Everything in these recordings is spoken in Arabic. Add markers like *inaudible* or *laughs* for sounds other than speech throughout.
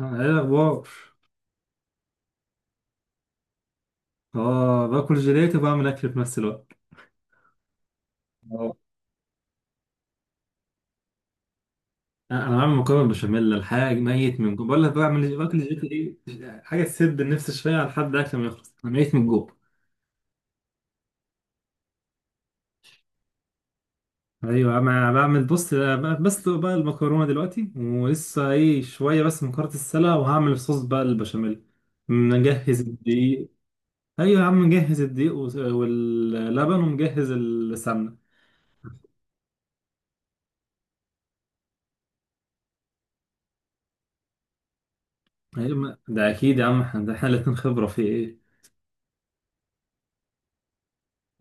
آه، ايه الاخبار؟ اه، باكل جيلاتي وبعمل اكل في نفس الوقت. اه، انا بعمل مكرونه بشاميل. الحاجه ميت من جوع، بقول لك بعمل باكل جيلاتي، ايه حاجه تسد النفس شويه لحد اكل ما يخلص، انا ميت من جوع. ايوه، انا بعمل. بص، بس بقى المكرونه دلوقتي ولسه شويه، بس مكرونه السلة، وهعمل صوص بقى البشاميل. مجهز الدقيق. ايوه يا عم، مجهز الدقيق واللبن ومجهز السمنه. أيوة، ده اكيد يا عم، احنا الاتنين خبره في ايه.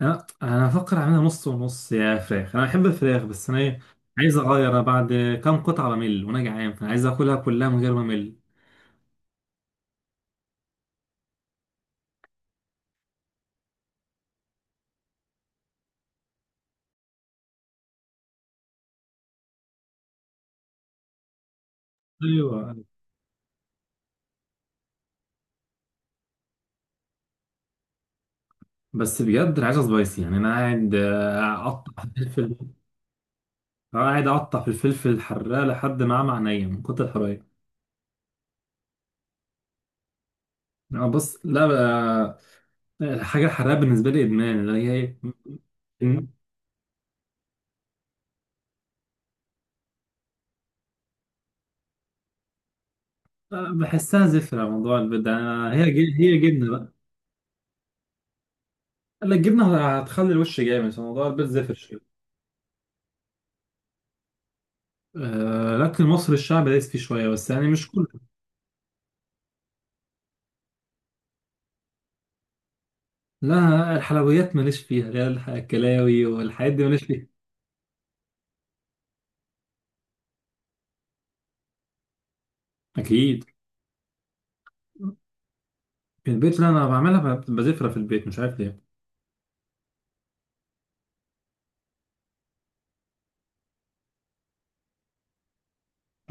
انا افكر اعملها نص ونص، يا فراخ، انا بحب الفراخ، بس انا عايز اغير. أنا بعد كام قطعه بمل وانا جعان، فانا عايز اكلها كلها من غير ما امل. ايوه، بس بجد انا عايزها سبايسي، يعني انا قاعد اقطع في الفلفل. أنا قاعد اقطع في الفلفل الحراق لحد ما اعمى عينيا من كتر الحراق. أنا بص، لا بقى. الحاجه الحراقه بالنسبه لي ادمان، اللي هي. م- آه، بحسها زفره. موضوع البيض ده هي جبنه بقى. لا، الجبنه هتخلي الوش جامد، فموضوع البيض زفر شوية. آه، لكن مصر الشعب دايس فيه شوية، بس يعني مش كله. لا، الحلويات ماليش فيها، اللي هي الكلاوي والحاجات دي ماليش فيها. أكيد. البيت اللي أنا بعملها بزفرة في البيت، مش عارف ليه.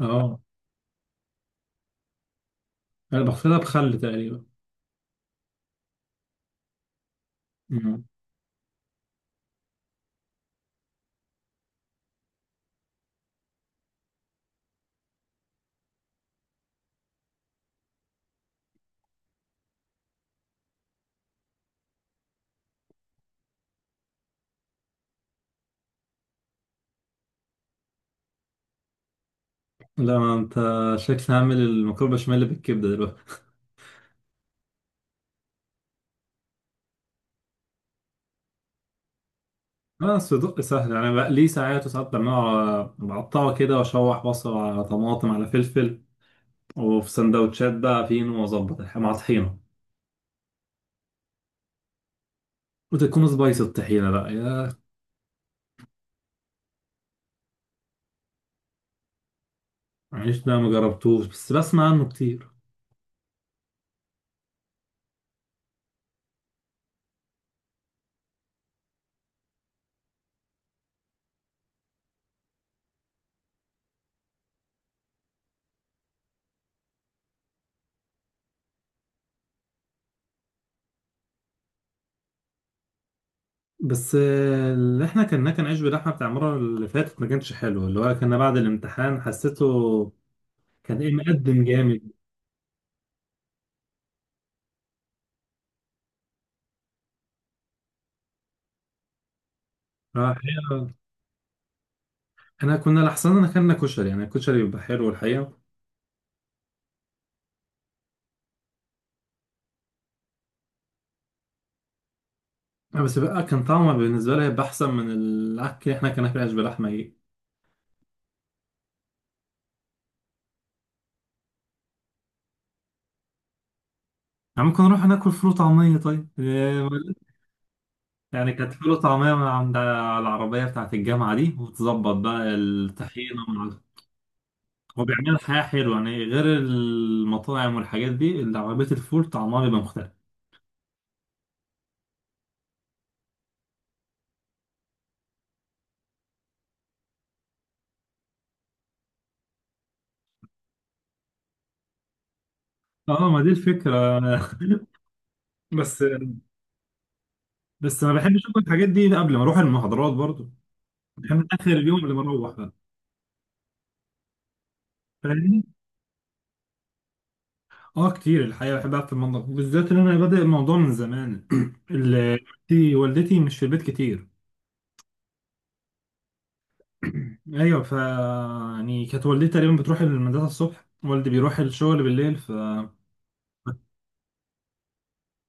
أه، أنا بغسلها بخل تقريبا. مم. لا ما أنت، شكلي هعمل المكرونة بشاميل بالكبدة دلوقتي. أنا الصدق سهل يعني، بقليه ساعات وساعات، بعمله بقطعه كده وأشوح بصل على طماطم على فلفل، وفي سندوتشات بقى فين وأظبط مع طحينة. وتكون سبايسي الطحينة بقى. عيش ده ما جربتوش، بس بسمع عنه كتير. بس اللي احنا كنا، كان عيش بلحمه بتاع المره اللي فاتت، ما كانش حلو، اللي هو كنا بعد الامتحان حسيته. كان مقدم جامد. اه الحقيقه، انا كنا لحسن، انا كنا كشري، يعني الكشري بيبقى حلو الحقيقه. بس بقى كان طعمه بالنسبه لي هيبقى احسن من الاكل اللي احنا كنا فيه، عيش بلحمه. يعني ممكن نروح ناكل فول وطعميه طيب. يعني كانت فول وطعميه من عند العربيه بتاعت الجامعه دي، وتظبط بقى الطحينه مع. هو بيعمل حياة حلوة يعني، غير المطاعم والحاجات دي، اللي عربية الفول طعمها بيبقى مختلف. اه، ما دي الفكرة. *laughs* بس بس ما بحبش اكل الحاجات دي قبل ما اروح المحاضرات برضو. بحب اخر اليوم قبل ما اروح بقى. فاهمني. اه كتير الحقيقة، بحب اقعد في المطبخ بالذات ان انا بادئ الموضوع من زمان، *clears throat* ال- والدتي مش في البيت كتير. *clears throat* ايوه، يعني كانت والدتي تقريبا بتروح المدرسة الصبح، والدي بيروح الشغل بالليل.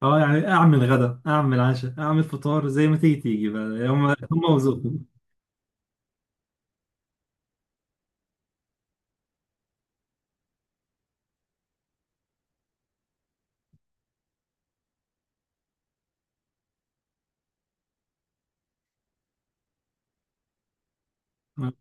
اه يعني، اعمل غدا اعمل عشاء اعمل فطار زي ما تيجي تيجي بقى، هم هم وذوقهم. اه،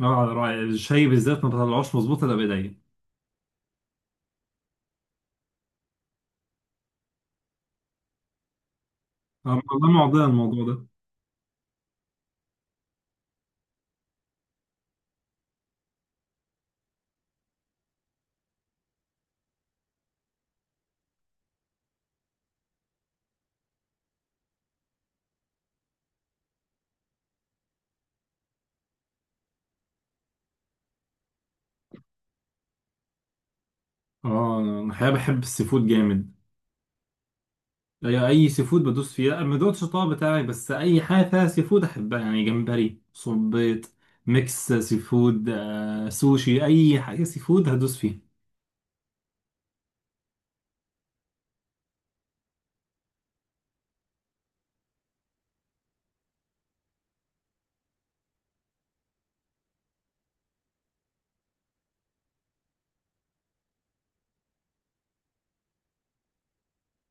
على رأي الشاي بالذات ما بطلعوش مظبوط الا بايديا. اه والله، معضله الموضوع ده. اه، انا الحقيقه بحب السي فود جامد. اي سي فود بدوس فيه، لا، ما دوتش الطبق بتاعي، بس اي حاجه فيها سي فود احبها، يعني جمبري صبيط. ميكس سي فود سوشي، اي حاجه سي فود هدوس فيها.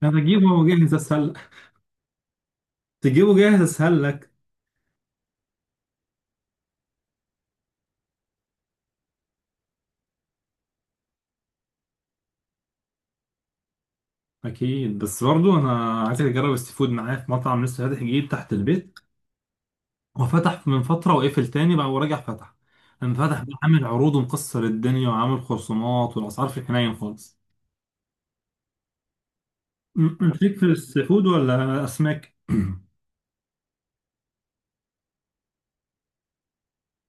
انا اجيبه جاهز اسهل. تجيبه جاهز اسهل لك. اكيد، بس برضو انا عايزك تجرب السي فود معايا في مطعم لسه فاتح جديد تحت البيت. هو فتح من فتره وقفل تاني بقى ورجع فتح. لما فتح بقى، عامل عروض ومكسر الدنيا وعامل خصومات، والاسعار في الحنين خالص. انت ليك في السي فود ولا اسماك؟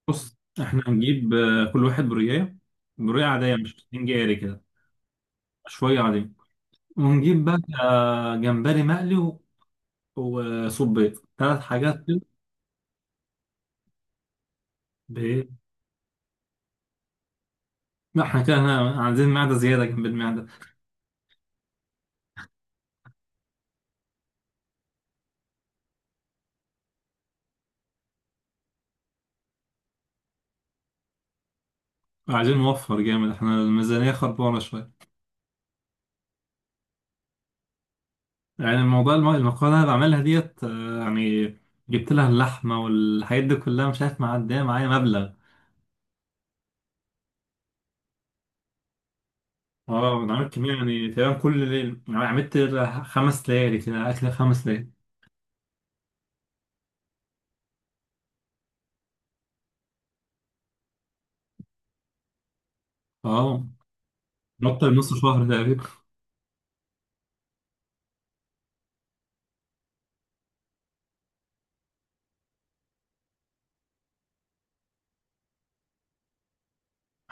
بص، احنا هنجيب كل واحد بريايه، بريايه عاديه مش 200 جاري كده، شويه عاديه، ونجيب بقى جمبري مقلي وصبيط، 3 حاجات كده. ب- لا احنا كده، عايزين معده زياده جنب المعده. عايزين نوفر جامد، احنا الميزانية خربانة شوية. يعني الموضوع المقالة اللي أنا بعملها ديت يعني، جبت لها اللحمة والحاجات دي كلها، مش عارف معدية معايا مبلغ. اه، انا عملت كمية يعني، تقريبا كل ليل، يعني عملت 5 ليالي كده، أكل 5 ليالي. اه، نقطة نص شهر تقريبا.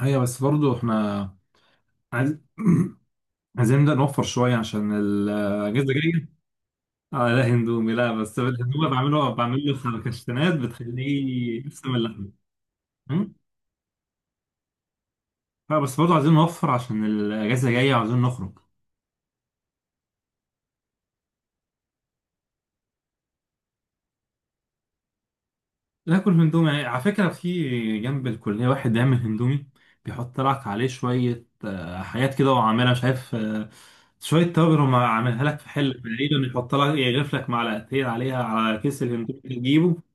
ايوه، بس برضو احنا عايز *clears throat* عايزين نبدأ نوفر شوية عشان الأجازة الجاية. اه لا، هندومي لا، بس الهندومي بعمله فركشتنات بتخليه يقسم اللحمة. لا، بس برضه عايزين نوفر عشان الأجازة جاية وعايزين نخرج. ناكل هندومي، يعني على فكرة في جنب الكلية واحد بيعمل هندومي بيحط لك عليه شوية حاجات كده، وعاملها شايف. شوية توابل، وما عاملها لك في حل تقريبا، يحط لك يغرف لك معلقتين عليها على كيس الهندومي اللي تجيبه.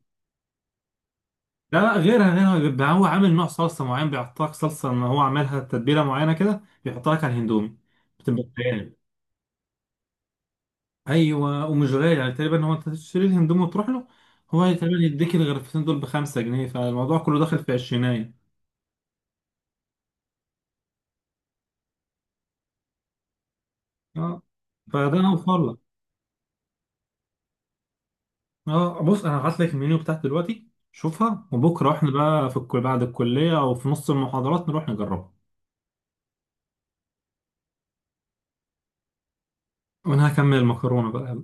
لا لا، غيرها غيرها، بيبقى هو عامل نوع صلصة معين بيحط لك صلصة، إن هو عاملها تتبيلة معينة كده بيحط لك على الهندومي. بتبقى خيال. ايوه، ومش غالي يعني، تقريبا هو انت تشتري الهندوم وتروح له. هو تقريبا يديك الغرفتين دول ب5 جنيه، فالموضوع كله داخل في عشرينية. اه فده، انا اوفر لك. اه بص، انا هبعت لك المنيو بتاعت دلوقتي شوفها، وبكره احنا بقى في الكل بعد الكلية او في نص المحاضرات نروح نجربها. وانا هكمل المكرونة بقى.